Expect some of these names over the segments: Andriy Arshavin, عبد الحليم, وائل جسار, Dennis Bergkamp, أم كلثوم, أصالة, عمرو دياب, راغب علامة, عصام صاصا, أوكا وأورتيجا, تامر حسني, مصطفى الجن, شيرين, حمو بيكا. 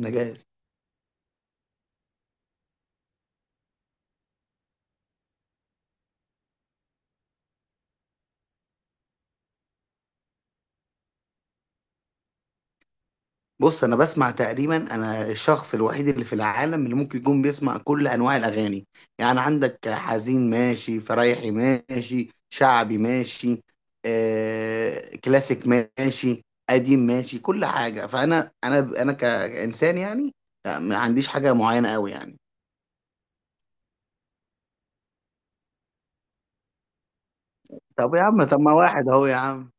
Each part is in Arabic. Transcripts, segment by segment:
انا جاهز. بص، انا بسمع تقريبا، انا الشخص الوحيد اللي في العالم اللي ممكن يكون بيسمع كل انواع الاغاني. يعني عندك حزين ماشي، فرايحي ماشي، شعبي ماشي، كلاسيك ماشي، قديم ماشي، كل حاجه. فانا انا انا كانسان يعني. لا، ما عنديش حاجه معينه قوي يعني. طب يا عم، طب ما واحد اهو يا عم.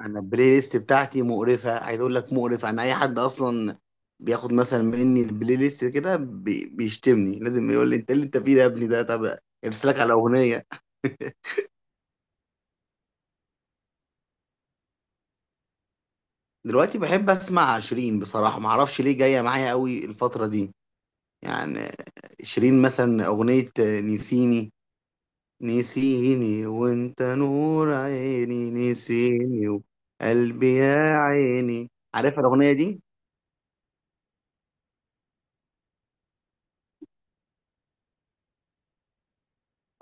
انا البلاي ليست بتاعتي مقرفه، عايز اقول لك مقرفه. انا اي حد اصلا بياخد مثلا مني البلاي ليست كده بيشتمني، لازم يقول لي انت إيه اللي انت فيه ده يا ابني؟ ده طب ارسلك على اغنيه. دلوقتي بحب اسمع شيرين بصراحه، ما اعرفش ليه جايه معايا قوي الفتره دي يعني. شيرين، مثلا اغنيه نسيني. نسيني وانت نور عيني، نسيني وقلبي يا عيني، عارف الاغنيه دي؟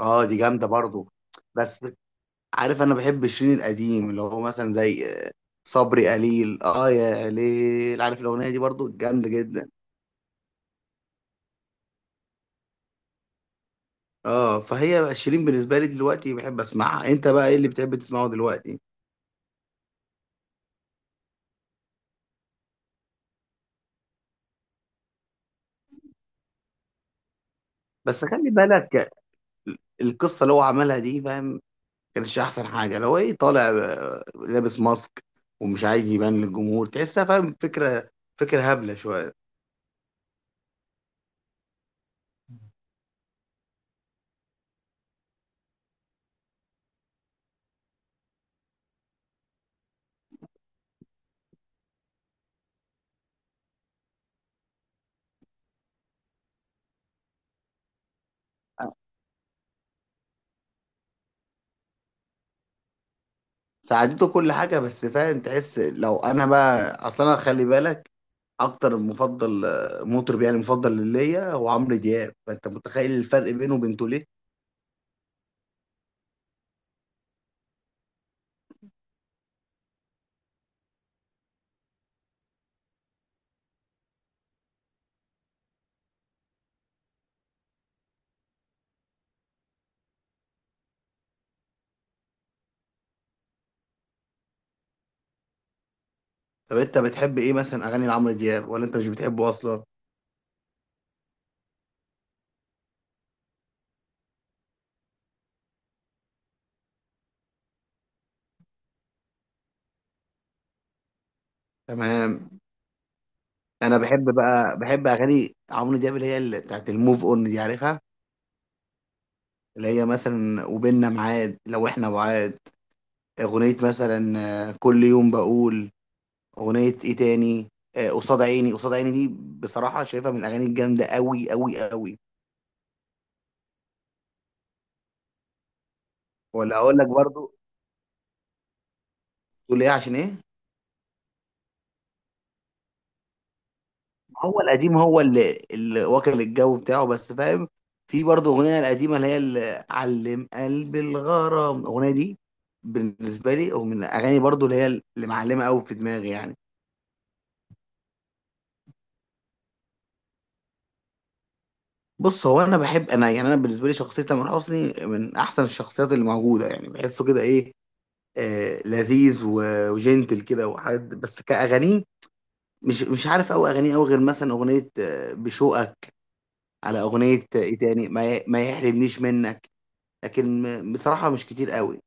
اه دي جامده برضو، بس عارف، انا بحب شيرين القديم، اللي هو مثلا زي صبري قليل، اه يا ليل، عارف الاغنيه دي؟ برضو جامده جدا. اه، فهي بقى شيرين بالنسبه لي دلوقتي بحب اسمعها. انت بقى ايه اللي بتحب تسمعه دلوقتي؟ بس خلي بالك، القصه اللي هو عملها دي، فاهم؟ كانتش احسن حاجه لو ايه، طالع لابس ماسك ومش عايز يبان للجمهور، تحسها فاهم؟ فكره، فكره هبله شويه. ساعدته كل حاجه، بس فاهم، تحس. لو انا بقى اصلا، انا خلي بالك، اكتر مفضل مطرب يعني، مفضل ليا هو عمرو دياب، فانت متخيل الفرق بينه وبين توليه. طب انت بتحب ايه مثلا اغاني لعمرو دياب، ولا انت مش بتحبه اصلا؟ تمام. انا بحب بقى، بحب اغاني عمرو دياب اللي هي اللي بتاعت الموف اون دي، عارفها؟ اللي هي مثلا وبيننا ميعاد لو احنا بعاد. اغنيه مثلا كل يوم بقول. اغنيه ايه تاني؟ قصاد عيني، قصاد عيني دي بصراحه شايفها من الاغاني الجامده قوي قوي قوي. ولا اقول لك برضو، تقول ايه عشان ايه؟ هو القديم هو اللي واكل الجو بتاعه، بس فاهم؟ في برضه اغنيه القديمه اللي هي اللي علم قلب الغرام. الاغنيه دي بالنسبه لي، ومن الاغاني برضه اللي هي اللي معلمه قوي في دماغي يعني. بص، هو انا بحب، انا يعني، انا بالنسبه لي شخصيه تامر حسني من احسن الشخصيات اللي موجوده يعني. بحسه كده ايه، آه لذيذ وجنتل كده وحد، بس كاغانيه مش عارف قوي اغانيه قوي، غير مثلا اغنيه بشوقك، على اغنيه ايه تاني، ما يحرمنيش منك. لكن بصراحة مش كتير قوي.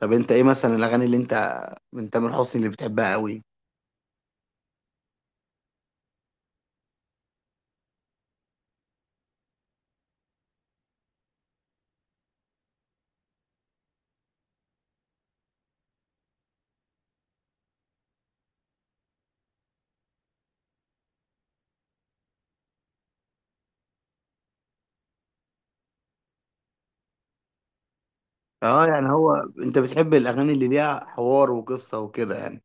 طب انت ايه مثلا الاغاني اللي انت من تامر حسني اللي بتحبها قوي؟ اه يعني هو، انت بتحب الاغاني اللي ليها حوار وقصة وكده يعني؟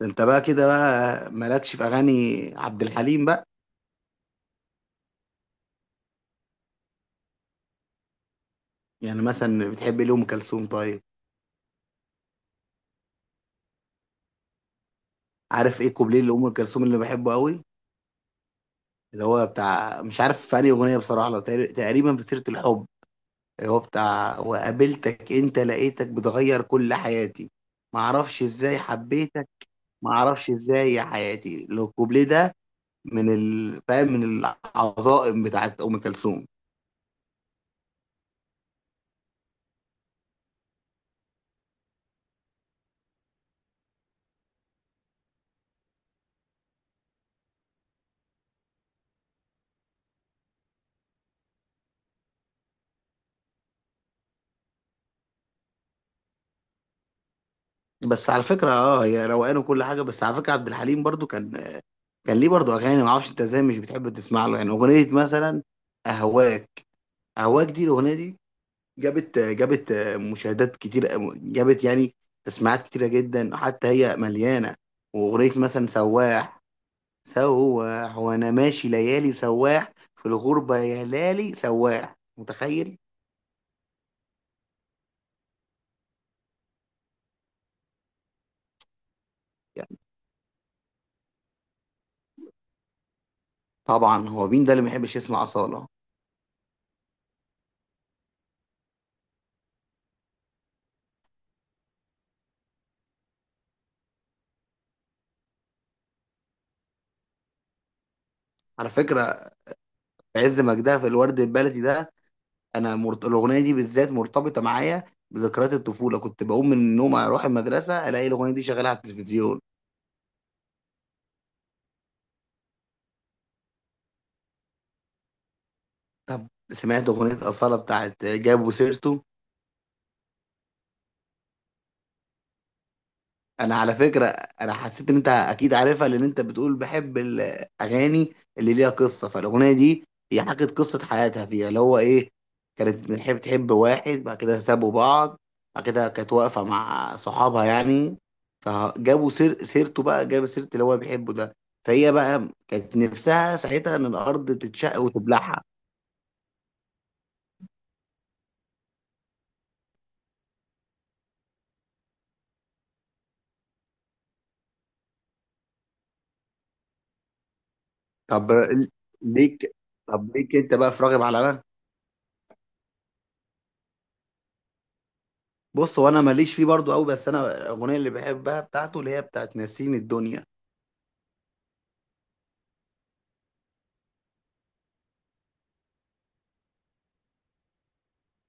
ده انت بقى كده بقى مالكش في اغاني عبد الحليم بقى؟ يعني مثلا بتحب ليه ام كلثوم طيب؟ عارف ايه كوبليه لام كلثوم اللي بحبه قوي؟ اللي هو بتاع، مش عارف في انهي اغنية بصراحة، لو تقريبا في سيرة الحب، اللي هو بتاع وقابلتك انت لقيتك بتغير كل حياتي، معرفش ازاي حبيتك، ما اعرفش ازاي يا حياتي، لو الكوبليه ده من ال... فاهم، من العظائم بتاعت ام كلثوم. بس على فكره اه، هي روقان وكل حاجه، بس على فكره عبد الحليم برضو كان، كان ليه برضو اغاني، ما اعرفش انت ازاي مش بتحب تسمع له. يعني اغنيه مثلا اهواك، اهواك دي، الاغنيه دي جابت، جابت مشاهدات كتير، جابت يعني تسميعات كتيره جدا، حتى هي مليانه. واغنيه مثلا سواح، سواح وانا ماشي ليالي، سواح في الغربه يا لالي، سواح، متخيل؟ طبعا، هو مين ده اللي ما يحبش يسمع أصالة؟ على فكرة في عز مجدها، في الورد البلدي ده، أنا مرت... الأغنية دي بالذات مرتبطة معايا بذكريات الطفولة. كنت بقوم من النوم أروح المدرسة ألاقي الأغنية دي شغالة على التلفزيون. طب سمعت أغنية أصالة بتاعت جابوا سيرته؟ انا على فكره انا حسيت ان انت اكيد عارفها، لان انت بتقول بحب الاغاني اللي ليها قصه. فالاغنيه دي هي حكت قصه حياتها فيها، اللي هو ايه، كانت بتحب، تحب واحد، بعد كده سابوا بعض، بعد كده كانت واقفه مع صحابها يعني، فجابوا سيرته بقى، جاب سيره اللي هو بيحبه ده، فهي بقى كانت نفسها ساعتها ان الارض تتشق وتبلعها. طب ليك، طب ليك انت بقى في راغب على؟ بص، هو انا ماليش فيه برضو قوي، بس انا الاغنيه اللي بحبها بتاعته اللي هي بتاعت ناسين الدنيا.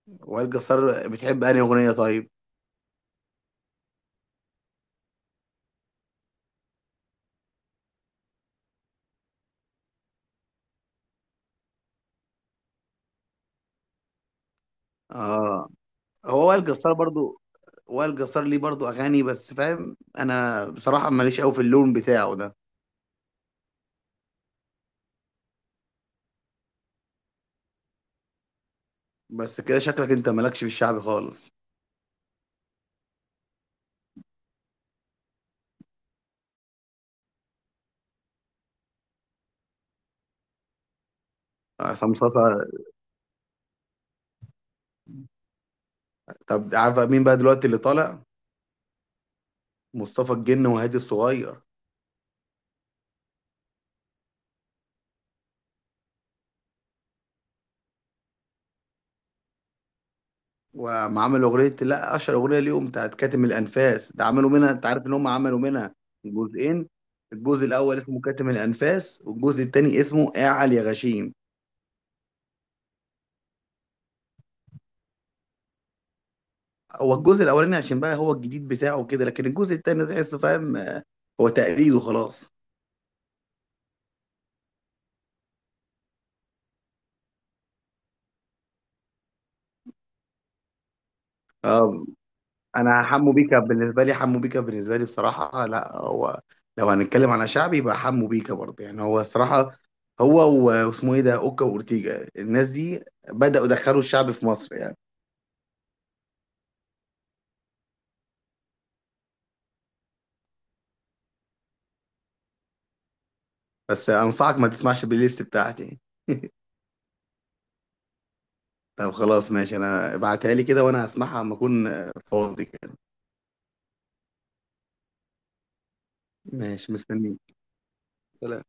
وائل جسار بتحب انهي اغنيه طيب؟ اه، هو وائل جسار برضو، وائل جسار ليه برضو اغاني، بس فاهم انا بصراحه ماليش قوي في اللون بتاعه ده. بس كده شكلك انت مالكش في الشعبي خالص؟ عصام صاصا. طب عارف مين بقى دلوقتي اللي طالع؟ مصطفى الجن وهادي الصغير. وعملوا اغنيه، لا اشهر اغنيه ليهم بتاعت كاتم الانفاس ده، عملوا منها، انت عارف ان هم عملوا منها جزئين؟ الجزء الاول اسمه كاتم الانفاس والجزء الثاني اسمه اعل يا غشيم. هو الجزء الاولاني عشان بقى هو الجديد بتاعه كده، لكن الجزء الثاني تحسه فاهم، هو تقليد وخلاص. آه، انا حمو بيكا بالنسبه لي، حمو بيكا بالنسبه لي بصراحه، لا هو لو هنتكلم على شعبي يبقى حمو بيكا برضه، يعني هو الصراحه هو واسمه ايه ده، اوكا واورتيجا، الناس دي بداوا يدخلوا الشعب في مصر يعني. بس انصحك ما تسمعش البلاي ليست بتاعتي. طب خلاص ماشي، انا ابعتها لي كده وانا هسمعها اما اكون فاضي كده. ماشي، مستنيك. سلام.